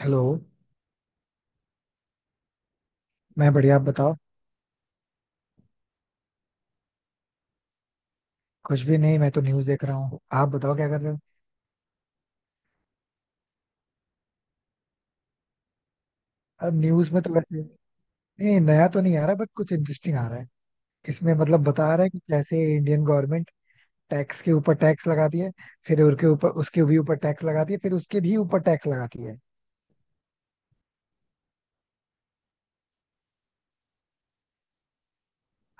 Hello. मैं बढ़िया, आप बताओ। कुछ भी नहीं, मैं तो न्यूज़ देख रहा हूँ। आप बताओ क्या कर रहे हो? अब न्यूज़ में तो वैसे, नहीं नया तो नहीं आ रहा, बट कुछ इंटरेस्टिंग आ रहा है। इसमें मतलब बता रहा है कि कैसे इंडियन गवर्नमेंट टैक्स के ऊपर टैक्स लगाती है, फिर उसके ऊपर, उसके भी ऊपर टैक्स लगाती है, फिर उसके भी ऊपर टैक्स लगाती है।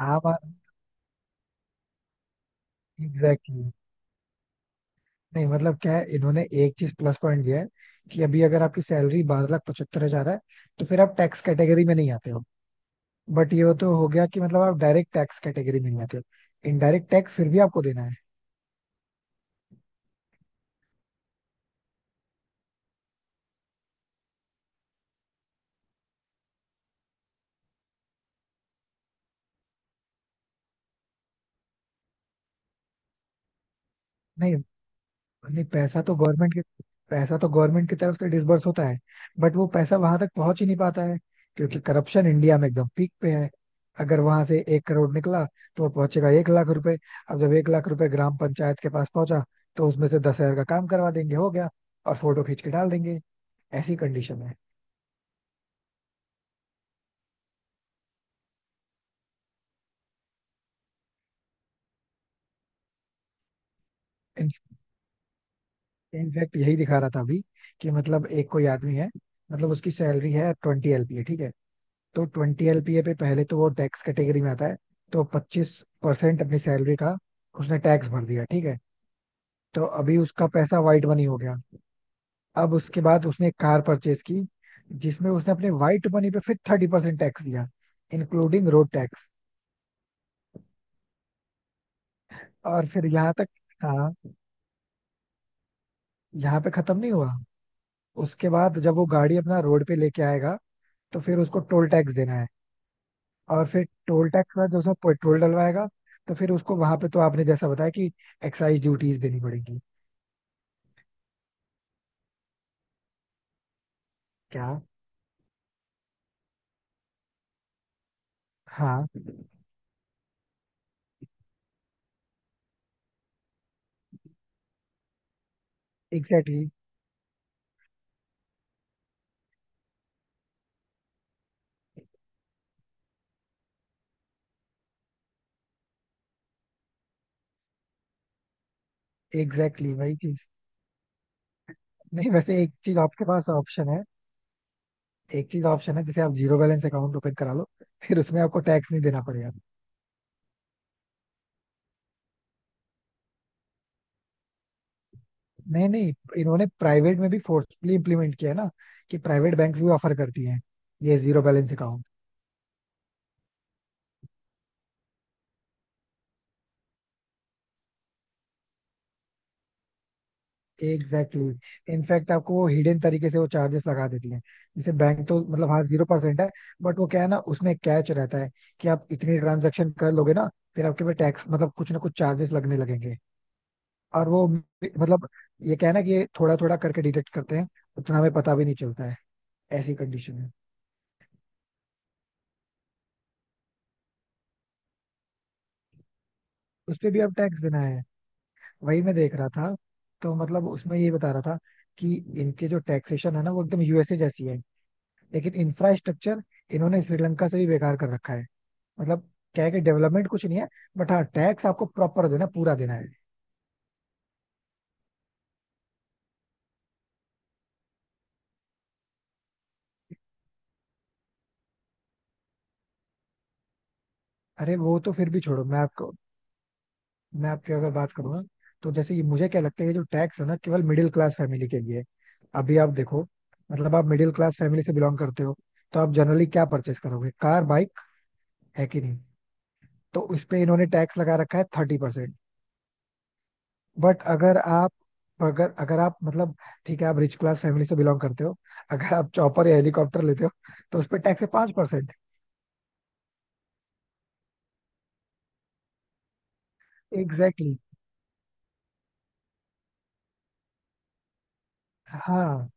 आप। एग्जैक्टली। नहीं मतलब क्या है, इन्होंने एक चीज प्लस पॉइंट दिया है कि अभी अगर आपकी सैलरी 12,75,000 है तो फिर आप टैक्स कैटेगरी में नहीं आते हो। बट ये तो हो गया कि मतलब आप डायरेक्ट टैक्स कैटेगरी में नहीं आते हो, इनडायरेक्ट टैक्स फिर भी आपको देना है। नहीं नहीं, पैसा तो गवर्नमेंट की तरफ से डिसबर्स होता है। बट वो पैसा वहां तक पहुंच ही नहीं पाता है, क्योंकि करप्शन इंडिया में एकदम पीक पे है। अगर वहां से 1 करोड़ निकला तो वो पहुंचेगा 1 लाख रुपए। अब जब 1 लाख रुपए ग्राम पंचायत के पास पहुंचा तो उसमें से 10,000 का काम करवा देंगे, हो गया, और फोटो खींच के डाल देंगे। ऐसी कंडीशन है। इनफैक्ट यही दिखा रहा था अभी कि मतलब एक कोई आदमी है, मतलब उसकी सैलरी है 20 LPA, ठीक है। तो 20 LPA पे पहले तो वो टैक्स कैटेगरी में आता है, तो 25% अपनी सैलरी का उसने टैक्स भर दिया, ठीक है। तो अभी उसका पैसा वाइट मनी हो गया। अब उसके बाद उसने एक कार परचेज की, जिसमें उसने अपने वाइट मनी पे फिर 30% टैक्स दिया, इंक्लूडिंग रोड टैक्स। और फिर यहाँ तक। हाँ, यहाँ पे खत्म नहीं हुआ। उसके बाद जब वो गाड़ी अपना रोड पे लेके आएगा तो फिर उसको टोल टैक्स देना है। और फिर टोल टैक्स के बाद जो उसमें पेट्रोल डलवाएगा, तो फिर उसको वहां पे, तो आपने जैसा बताया कि एक्साइज ड्यूटीज देनी पड़ेगी। क्या? हाँ, एग्जैक्टली exactly, वही चीज। नहीं, वैसे एक चीज आपके पास ऑप्शन है। एक चीज ऑप्शन है, जैसे आप जीरो बैलेंस अकाउंट ओपन करा लो, फिर उसमें आपको टैक्स नहीं देना पड़ेगा। नहीं नहीं, इन्होंने प्राइवेट में भी फोर्सफुली इम्प्लीमेंट किया है ना, कि प्राइवेट बैंक भी ऑफर करती हैं ये zero balance account. Exactly exactly. In fact आपको वो हिडन तरीके से वो चार्जेस लगा देती है। जैसे बैंक तो मतलब, हाँ, 0% है, बट वो क्या है ना, उसमें कैच रहता है कि आप इतनी ट्रांजेक्शन कर लोगे ना, फिर आपके पे टैक्स मतलब कुछ ना कुछ चार्जेस लगने लगेंगे। और वो मतलब, ये क्या है ना कि ये थोड़ा थोड़ा करके डिटेक्ट करते हैं, उतना हमें पता भी नहीं चलता है, ऐसी कंडीशन में। उस पे भी अब टैक्स देना है। वही मैं देख रहा था। तो मतलब उसमें ये बता रहा था कि इनके जो टैक्सेशन है ना, वो एकदम यूएसए जैसी है, लेकिन इंफ्रास्ट्रक्चर इन्होंने श्रीलंका से भी बेकार कर रखा है। मतलब, क्या है कि डेवलपमेंट कुछ नहीं है, बट हाँ, टैक्स आपको प्रॉपर देना, पूरा देना है। अरे वो तो फिर भी छोड़ो। मैं आपकी अगर बात करूँ ना, तो जैसे ये मुझे क्या लगता है, ये जो टैक्स है ना, केवल मिडिल क्लास फैमिली के लिए है। अभी आप देखो, मतलब आप मिडिल क्लास फैमिली से बिलोंग करते हो, तो आप जनरली क्या परचेस करोगे? कार, बाइक, है कि नहीं? तो उस पे इन्होंने टैक्स लगा रखा है 30%। बट अगर आप अगर अगर आप मतलब, ठीक है, आप रिच क्लास फैमिली से बिलोंग करते हो। अगर आप चॉपर या हेलीकॉप्टर लेते हो, तो उस पे टैक्स है 5% परसेंट। एग्जैक्टली। हाँ,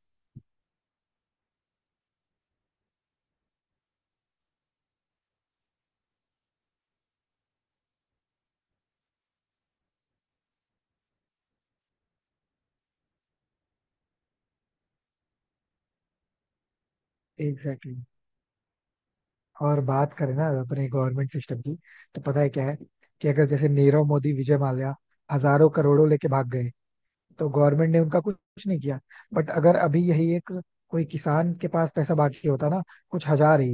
एग्जैक्टली exactly. और बात करें ना अपने गवर्नमेंट सिस्टम की, तो पता है क्या है कि अगर जैसे नीरव मोदी, विजय माल्या हजारों करोड़ों लेके भाग गए, तो गवर्नमेंट ने उनका कुछ कुछ नहीं किया। बट अगर अभी यही एक कोई किसान के पास पैसा बाकी होता ना, कुछ हजार ही,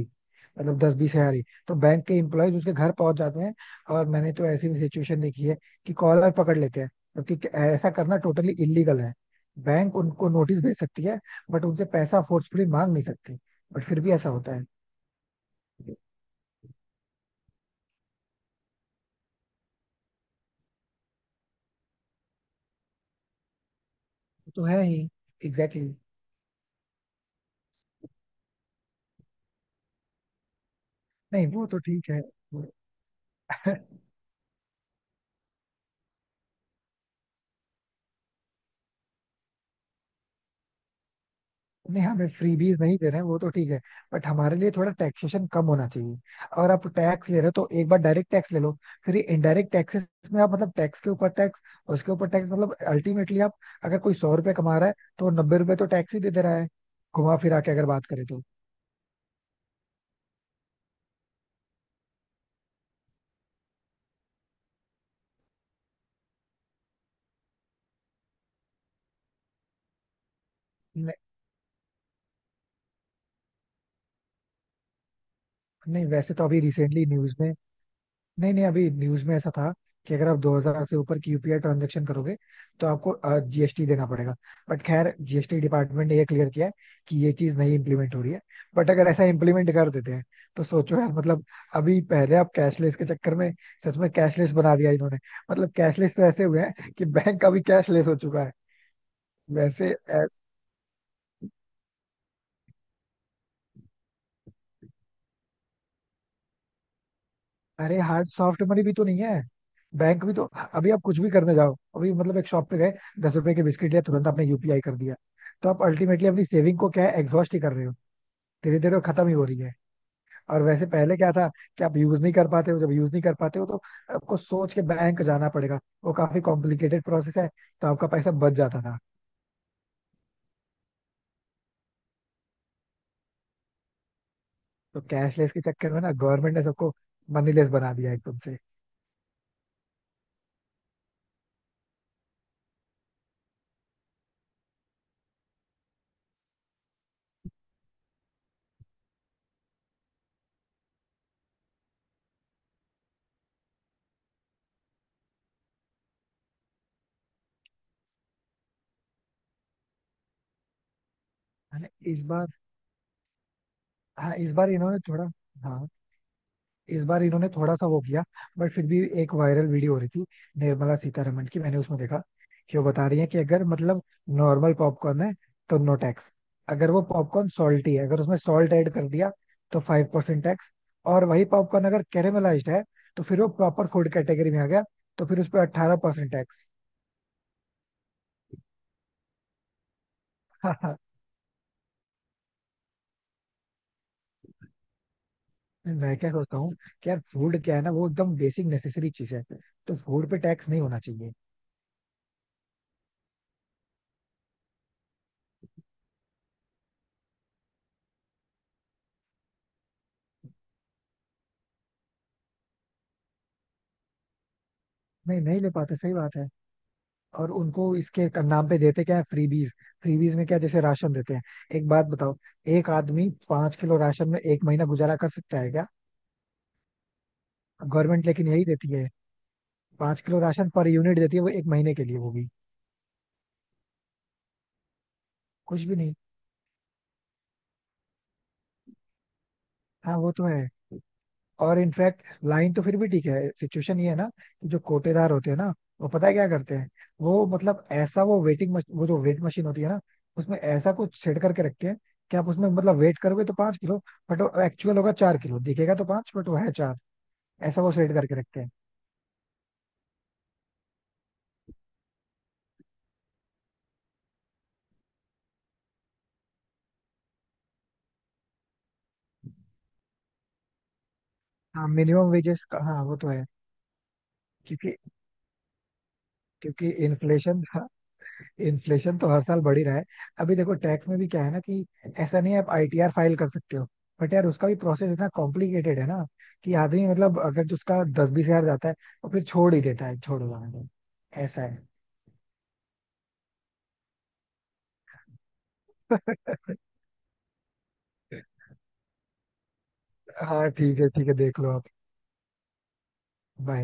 मतलब दस बीस हजार ही, तो बैंक के एम्प्लॉयज उसके घर पहुंच जाते हैं। और मैंने तो ऐसी भी सिचुएशन देखी है कि कॉलर पकड़ लेते हैं, क्योंकि ऐसा करना टोटली इलीगल है। बैंक उनको नोटिस भेज सकती है, बट उनसे पैसा फोर्सफुली मांग नहीं सकती, बट फिर भी ऐसा होता है। वो तो है ही। Exactly exactly. नहीं वो तो ठीक है। नहीं हमें फ्रीबीज नहीं दे रहे हैं, वो तो ठीक है, बट हमारे लिए थोड़ा टैक्सेशन कम होना चाहिए। अगर आप टैक्स ले रहे हो तो एक बार डायरेक्ट टैक्स ले लो। फिर ये इनडायरेक्ट टैक्सेस में आप मतलब टैक्स के ऊपर टैक्स, उसके ऊपर टैक्स, मतलब अल्टीमेटली आप, अगर कोई 100 रुपए कमा रहा है तो 90 रुपए तो टैक्स ही दे दे रहा है, घुमा फिरा के अगर बात करें तो। नहीं, नहीं वैसे तो अभी रिसेंटली न्यूज में, नहीं नहीं, अभी न्यूज में ऐसा था कि अगर आप 2000 से ऊपर की यूपीआई ट्रांजेक्शन करोगे तो आपको जीएसटी देना पड़ेगा। बट खैर जीएसटी डिपार्टमेंट ने ये क्लियर किया है कि ये चीज नहीं इम्प्लीमेंट हो रही है। बट अगर ऐसा इम्प्लीमेंट कर देते हैं, तो सोचो यार, मतलब अभी पहले आप कैशलेस के चक्कर में, सच में कैशलेस बना दिया इन्होंने। मतलब कैशलेस तो ऐसे हुए हैं कि बैंक का भी कैशलेस हो चुका है वैसे। अरे हार्ड, सॉफ्ट मनी भी तो नहीं है, बैंक भी तो। अभी आप कुछ भी करने जाओ, अभी मतलब एक शॉप पे गए, 10 रुपए के बिस्किट लिया, तुरंत आपने यूपीआई कर दिया। तो आप अल्टीमेटली अपनी सेविंग को क्या है, एग्जॉस्ट ही कर रहे हो, धीरे धीरे वो खत्म ही हो रही है। और वैसे पहले क्या था कि आप यूज नहीं कर पाते हो, जब यूज नहीं कर पाते हो तो आपको सोच के बैंक जाना पड़ेगा, वो काफी कॉम्प्लिकेटेड प्रोसेस है, तो आपका पैसा बच जाता था। तो कैशलेस के चक्कर में ना गवर्नमेंट ने सबको मनीलेस बना दिया एकदम से। हाँ, इस बार हाँ इस बार इन्होंने थोड़ा हाँ इस बार इन्होंने थोड़ा सा वो किया। बट फिर भी एक वायरल वीडियो हो रही थी निर्मला सीतारमण की, मैंने उसमें देखा कि वो बता रही है कि अगर मतलब नॉर्मल पॉपकॉर्न है तो नो टैक्स। अगर वो पॉपकॉर्न सॉल्टी है, अगर उसमें सॉल्ट ऐड कर दिया, तो 5% टैक्स। और वही पॉपकॉर्न अगर कैरेमलाइज्ड है, तो फिर वो प्रॉपर फूड कैटेगरी में आ गया, तो फिर उस पर 18% टैक्स। मैं क्या सोचता हूँ कि यार, फूड क्या है ना, वो एकदम बेसिक नेसेसरी चीज है, तो फूड पे टैक्स नहीं होना चाहिए। नहीं नहीं ले पाते, सही बात है। और उनको इसके नाम पे देते क्या है? फ्रीबीज। फ्रीबीज में क्या, जैसे राशन देते हैं। एक बात बताओ, एक आदमी 5 किलो राशन में एक महीना गुजारा कर सकता है क्या? गवर्नमेंट लेकिन यही देती है, 5 किलो राशन पर यूनिट देती है वो, एक महीने के लिए, वो भी कुछ भी नहीं। हाँ वो तो है। और इनफैक्ट लाइन तो फिर भी ठीक है, सिचुएशन ये है ना कि जो कोटेदार होते हैं ना, वो पता है क्या करते हैं, वो मतलब ऐसा, वो वेटिंग मशीन, वो जो वेट मशीन होती है ना, उसमें ऐसा कुछ सेट करके रखते हैं कि आप उसमें मतलब वेट करोगे तो 5 किलो, बट वो एक्चुअल होगा 4 किलो, दिखेगा तो पांच, बट वो है चार। ऐसा वो सेट करके रखते हैं। हाँ, मिनिमम वेजेस का, हाँ वो तो है। क्योंकि क्योंकि इन्फ्लेशन। इन्फ्लेशन तो हर साल बढ़ ही रहा है। अभी देखो टैक्स में भी क्या है ना कि ऐसा नहीं है, आप आईटीआर फाइल कर सकते हो, बट यार उसका भी प्रोसेस इतना कॉम्प्लिकेटेड है ना, कि आदमी मतलब अगर जो उसका दस बीस हजार जाता है तो फिर छोड़ ही देता है, छोड़ो जाने दो, ऐसा है। हाँ ठीक है, ठीक है, देख लो आप। Bye.